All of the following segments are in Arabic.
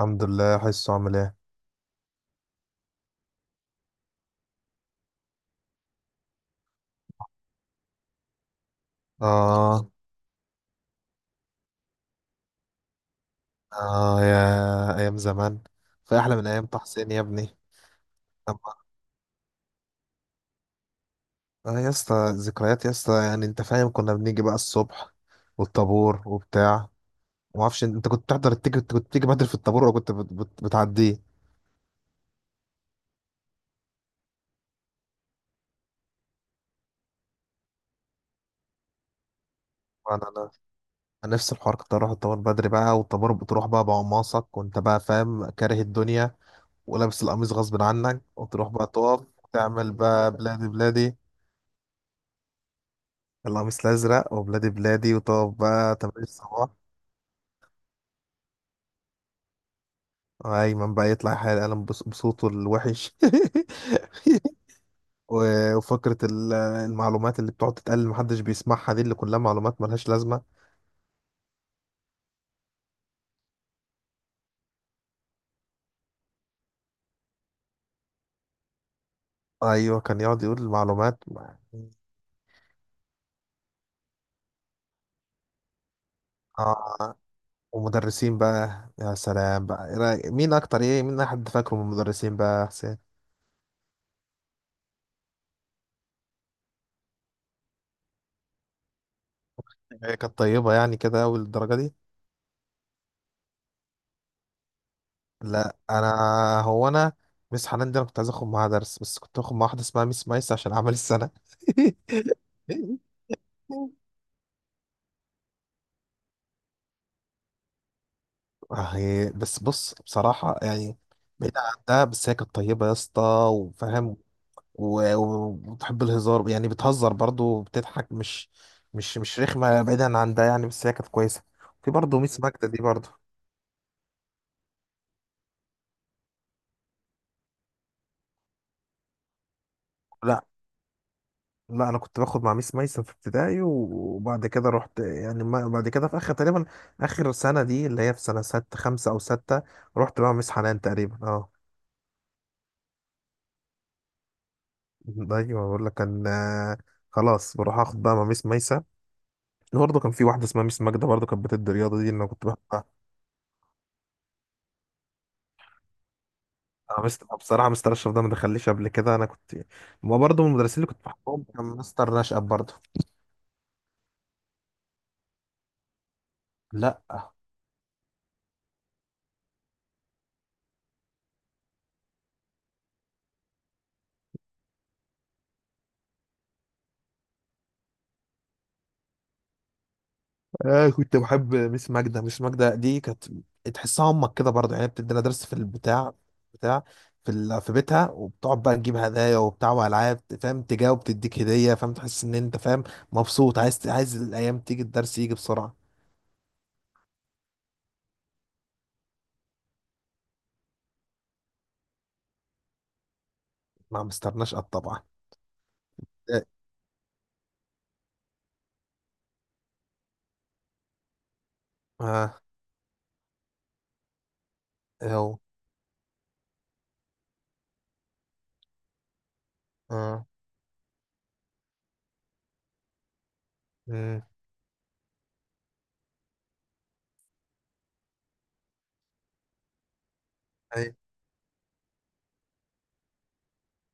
الحمد لله. حسه عامل ايه؟ آه. آه، يا أيام زمان. في أحلى من أيام تحسين يا ابني. أما آه، يا اسطى، ذكريات يا اسطى، يعني أنت فاهم، كنا بنيجي بقى الصبح والطابور وبتاع، وما أعرفش أنت كنت بتحضر التيجي كنت بتيجي بدري في الطابور، ولا كنت بتعديه. أنا أنا أنا نفس الحوار، كنت أروح الطابور بدري بقى، والطابور بتروح بقى بقماصك، وأنت بقى فاهم كاره الدنيا، ولابس القميص غصب عنك، وتروح بقى تقف، تعمل بقى بلادي بلادي. القميص الأزرق، وبلادي بلادي، وطب بقى تمام الصباح. وأيمن بقى يطلع يحيي القلم بصوته الوحش. وفكرة المعلومات اللي بتقعد تتقال محدش بيسمعها، دي اللي كلها معلومات ملهاش لازمة. أيوة، كان يقعد يقول المعلومات. آه. ومدرسين بقى، يا سلام، بقى إيه مين أكتر، إيه، مين أحد فاكره من المدرسين بقى يا حسين؟ هي كانت طيبة يعني كده، أوي للدرجة دي؟ لا، انا، مس حنان دي انا كنت عايز اخد معاها درس، بس كنت اخد مع واحده اسمها ميس مايس عشان عمل السنه. آه، هي بس، بص، بصراحه يعني، بعيد عن ده بس هي كانت طيبه يا اسطى، وفاهم، وبتحب الهزار، يعني بتهزر برضو وبتضحك، مش رخمه، بعيدا عن ده يعني، بس هي كانت كويسه. في برضو ميس ماجدة دي برضو. لا لا، انا كنت باخد مع ميس ميسن في ابتدائي، وبعد كده رحت يعني، بعد كده في اخر تقريبا، اخر سنه دي اللي هي في سنه ستة خمسة او ستة، رحت بقى مع ميس حنان تقريبا. اه. ايوه، بقول لك كان، خلاص بروح اخد بقى مع ميس ميسة. برضه كان في واحده اسمها ميس ماجده برضه، كانت بتدي رياضه دي اللي انا كنت بحبها. انا بصراحه مستر اشرف ده ما دخليش قبل كده، انا كنت، ما، برضه من المدرسين اللي كنت بحبهم كان مستر نشأت برضه. لا. آه، كنت بحب ميس ماجدة. ميس ماجدة دي كانت تحسها امك كده برضه، يعني بتدينا درس في البتاع بتاع في ال... في بيتها، وبتقعد بقى تجيب هدايا وبتاع والعاب، فاهم، تجاوب، تديك هدية، فاهم، تحس ان انت فاهم، مبسوط، عايز الايام تيجي، الدرس يجي بسرعة. ما مستناش قد طبعا. اه. آه. اهو. اه. امم. اي.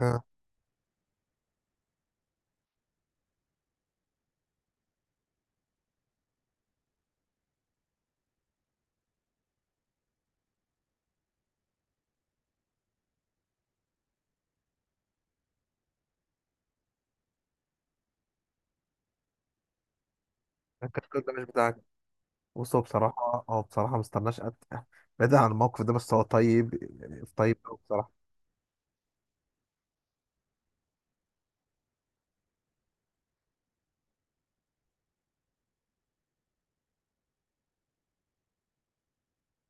اه. كانت كل ده مش بتاعك؟ بصوا، بصراحة مستناش قد، بعيدا عن الموقف ده، بس هو طيب، يعني طيب أوي بصراحة.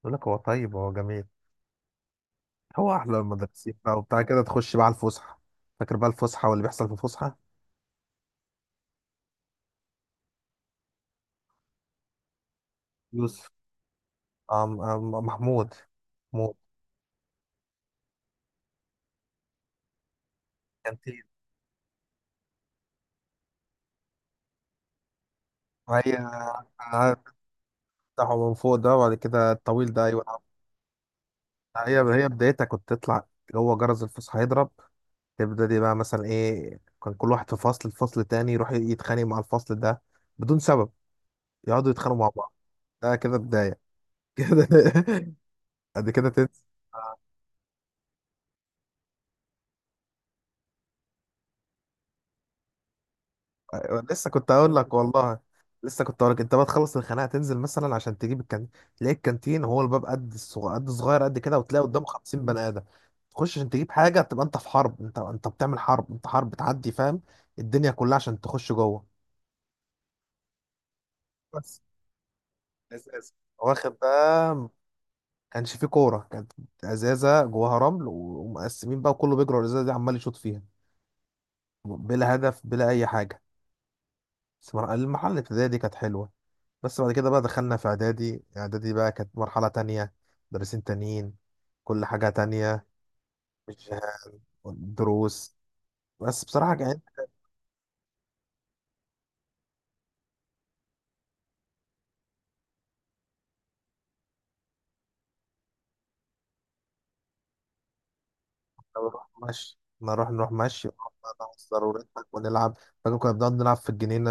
بقول لك، هو طيب، هو جميل، هو احلى المدرسين بقى وبتاع كده. تخش بقى على الفسحه، فاكر بقى الفسحه واللي بيحصل في الفسحه؟ يوسف. أم محمود. محمود. كانتين. هي آه، بتاعه من فوق ده، وبعد كده الطويل ده، ايوه. هي بدايتها، كنت تطلع، هو جرس الفسحه يضرب، تبدا دي بقى مثلا، ايه، كان كل واحد في فصل تاني، يروح يتخانق مع الفصل ده بدون سبب، يقعدوا يتخانقوا مع بعض. ده كده بدايه. كده. بعد كده تنسى. أيوة، لسه كنت اقول لك والله، لسه كنت اقول لك، انت بقى تخلص الخناقه، تنزل مثلا عشان تجيب الكانتين، تلاقي الكانتين هو الباب قد صغير قد كده، وتلاقي قدامه 50 بني ادم، تخش عشان تجيب حاجه، تبقى انت في حرب، انت بتعمل حرب، انت حرب بتعدي، فاهم، الدنيا كلها عشان تخش جوه. بس ازازه، واخد بقى، ما كانش فيه كوره، كانت ازازه جواها رمل، ومقسمين بقى وكله بيجري ورا الازازه دي، عمال يشوط فيها، بلا هدف بلا اي حاجه. بس المرحله الابتدائيه دي كانت حلوه. بس بعد كده بقى دخلنا في اعدادي. اعدادي بقى كانت مرحلة تانية، مدرسين تانيين، كل حاجة تانية، مش دروس بس، بصراحة، كان كنا بنروح مشي، نروح مشي ونقعد بقى نهزر ونضحك ونلعب. فاكر كنا بنقعد نلعب في الجنينة؟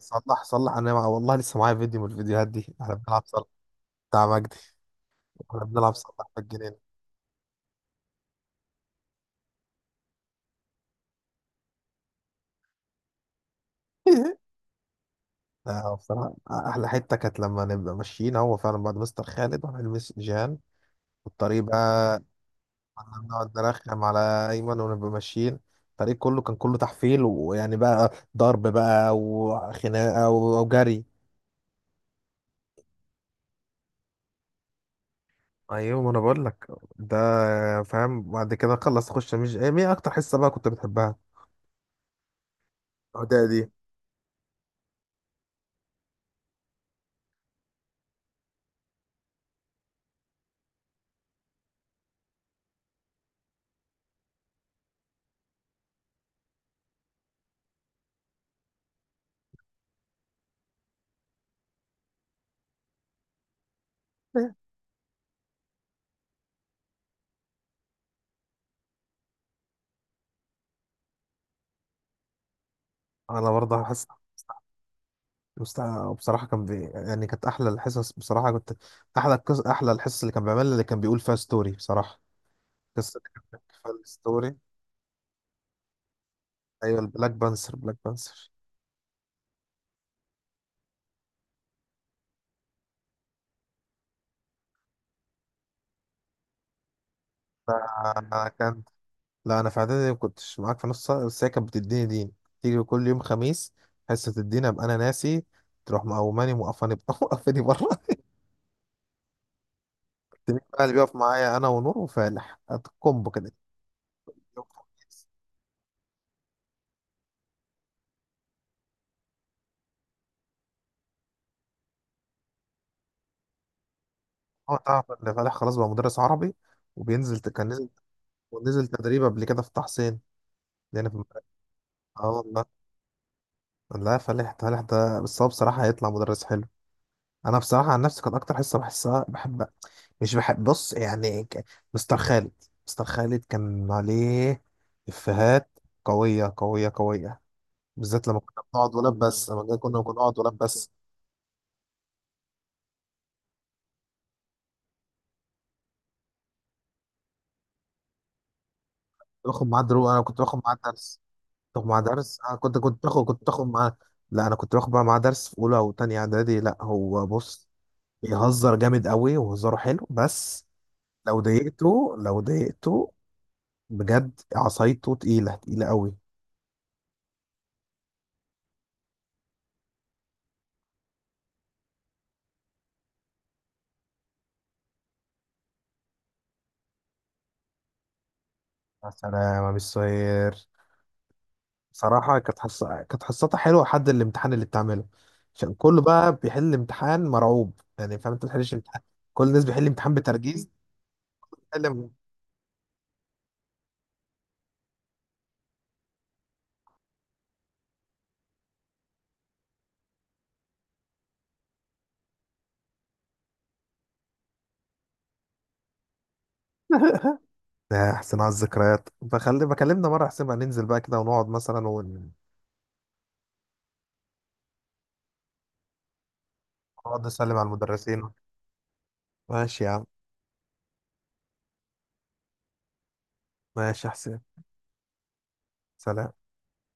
صلح. صلح والله، لسه معايا فيديو من الفيديوهات دي، احنا بنلعب صلح، بتاع مجدي. احنا بنلعب صلح في الجنينة. لا، هو بصراحة أحلى حتة كانت لما نبقى ماشيين، هو فعلا بعد مستر خالد، وهنلمس جان والطريق بقى، كنا بنقعد نرخم على ايمن، ونبقى ماشيين، الفريق كله كان كله تحفيل، ويعني بقى ضرب بقى وخناقه وجري. ايوه، ما انا بقول لك ده، فاهم، بعد كده خلص خش، مش ايه مين اكتر حصه بقى كنت بتحبها؟ العداء دي، انا برضه حاسس، مست- بصراحه كان يعني كانت احلى الحصص بصراحه، كنت احلى الحصص، اللي كان بيعملها، اللي كان بيقول فيها ستوري بصراحه. القصه اللي كان بيحكي فيها الستوري، ايوه، البلاك بانسر، بلاك بانسر. ده كان. لا، انا في اعدادي ما كنتش معاك في نص سنه، بس هي كانت بتديني دين، تيجي كل يوم خميس، حصه الدين ابقى انا ناسي، تروح مقوماني موقفاني، موقفاني بره. تمين بقى اللي بيقف معايا، انا ونور وفالح، كومبو كده. يوم خميس. هو تعرف ان فالح خلاص بقى مدرس عربي، وبينزل كان نزل، ونزل تدريب قبل كده في طه حسين، لأن في المدرسة. اه والله. لا، فالح، فالح ده بس هو بصراحه هيطلع مدرس حلو. انا بصراحه عن نفسي، كانت اكتر حصه بحسها بحب، مش بحب، بص يعني، مستر خالد. مستر خالد كان عليه افيهات، قويه قويه قويه، بالذات لما كنا بنقعد ولاد بس، لما كنا بنقعد ولاد بس، باخد معاه دروس، انا كنت باخد معاه درس، باخد معاه درس، انا كنت باخد، كنت باخد معاه. لا، انا كنت باخد بقى معاه درس في اولى وتانية اعدادي. لا هو بص، بيهزر جامد قوي وهزاره حلو، بس لو ضايقته، لو ضايقته بجد، عصايته تقيله تقيله قوي. يا سلام يا مستر. صراحة كانت حصتها حلوة لحد الامتحان اللي بتعمله، عشان كله بقى بيحل امتحان مرعوب يعني، فاهم، انت ما بتحلش امتحان، كل الناس بيحل امتحان بترجيز، بتحل. يا حسين، على الذكريات، بخلي بكلمنا مرة، حسين بقى، ننزل بقى كده، ونقعد مثلا، ونقعد نسلم على المدرسين. ماشي يا عم. ماشي يا حسين. سلام.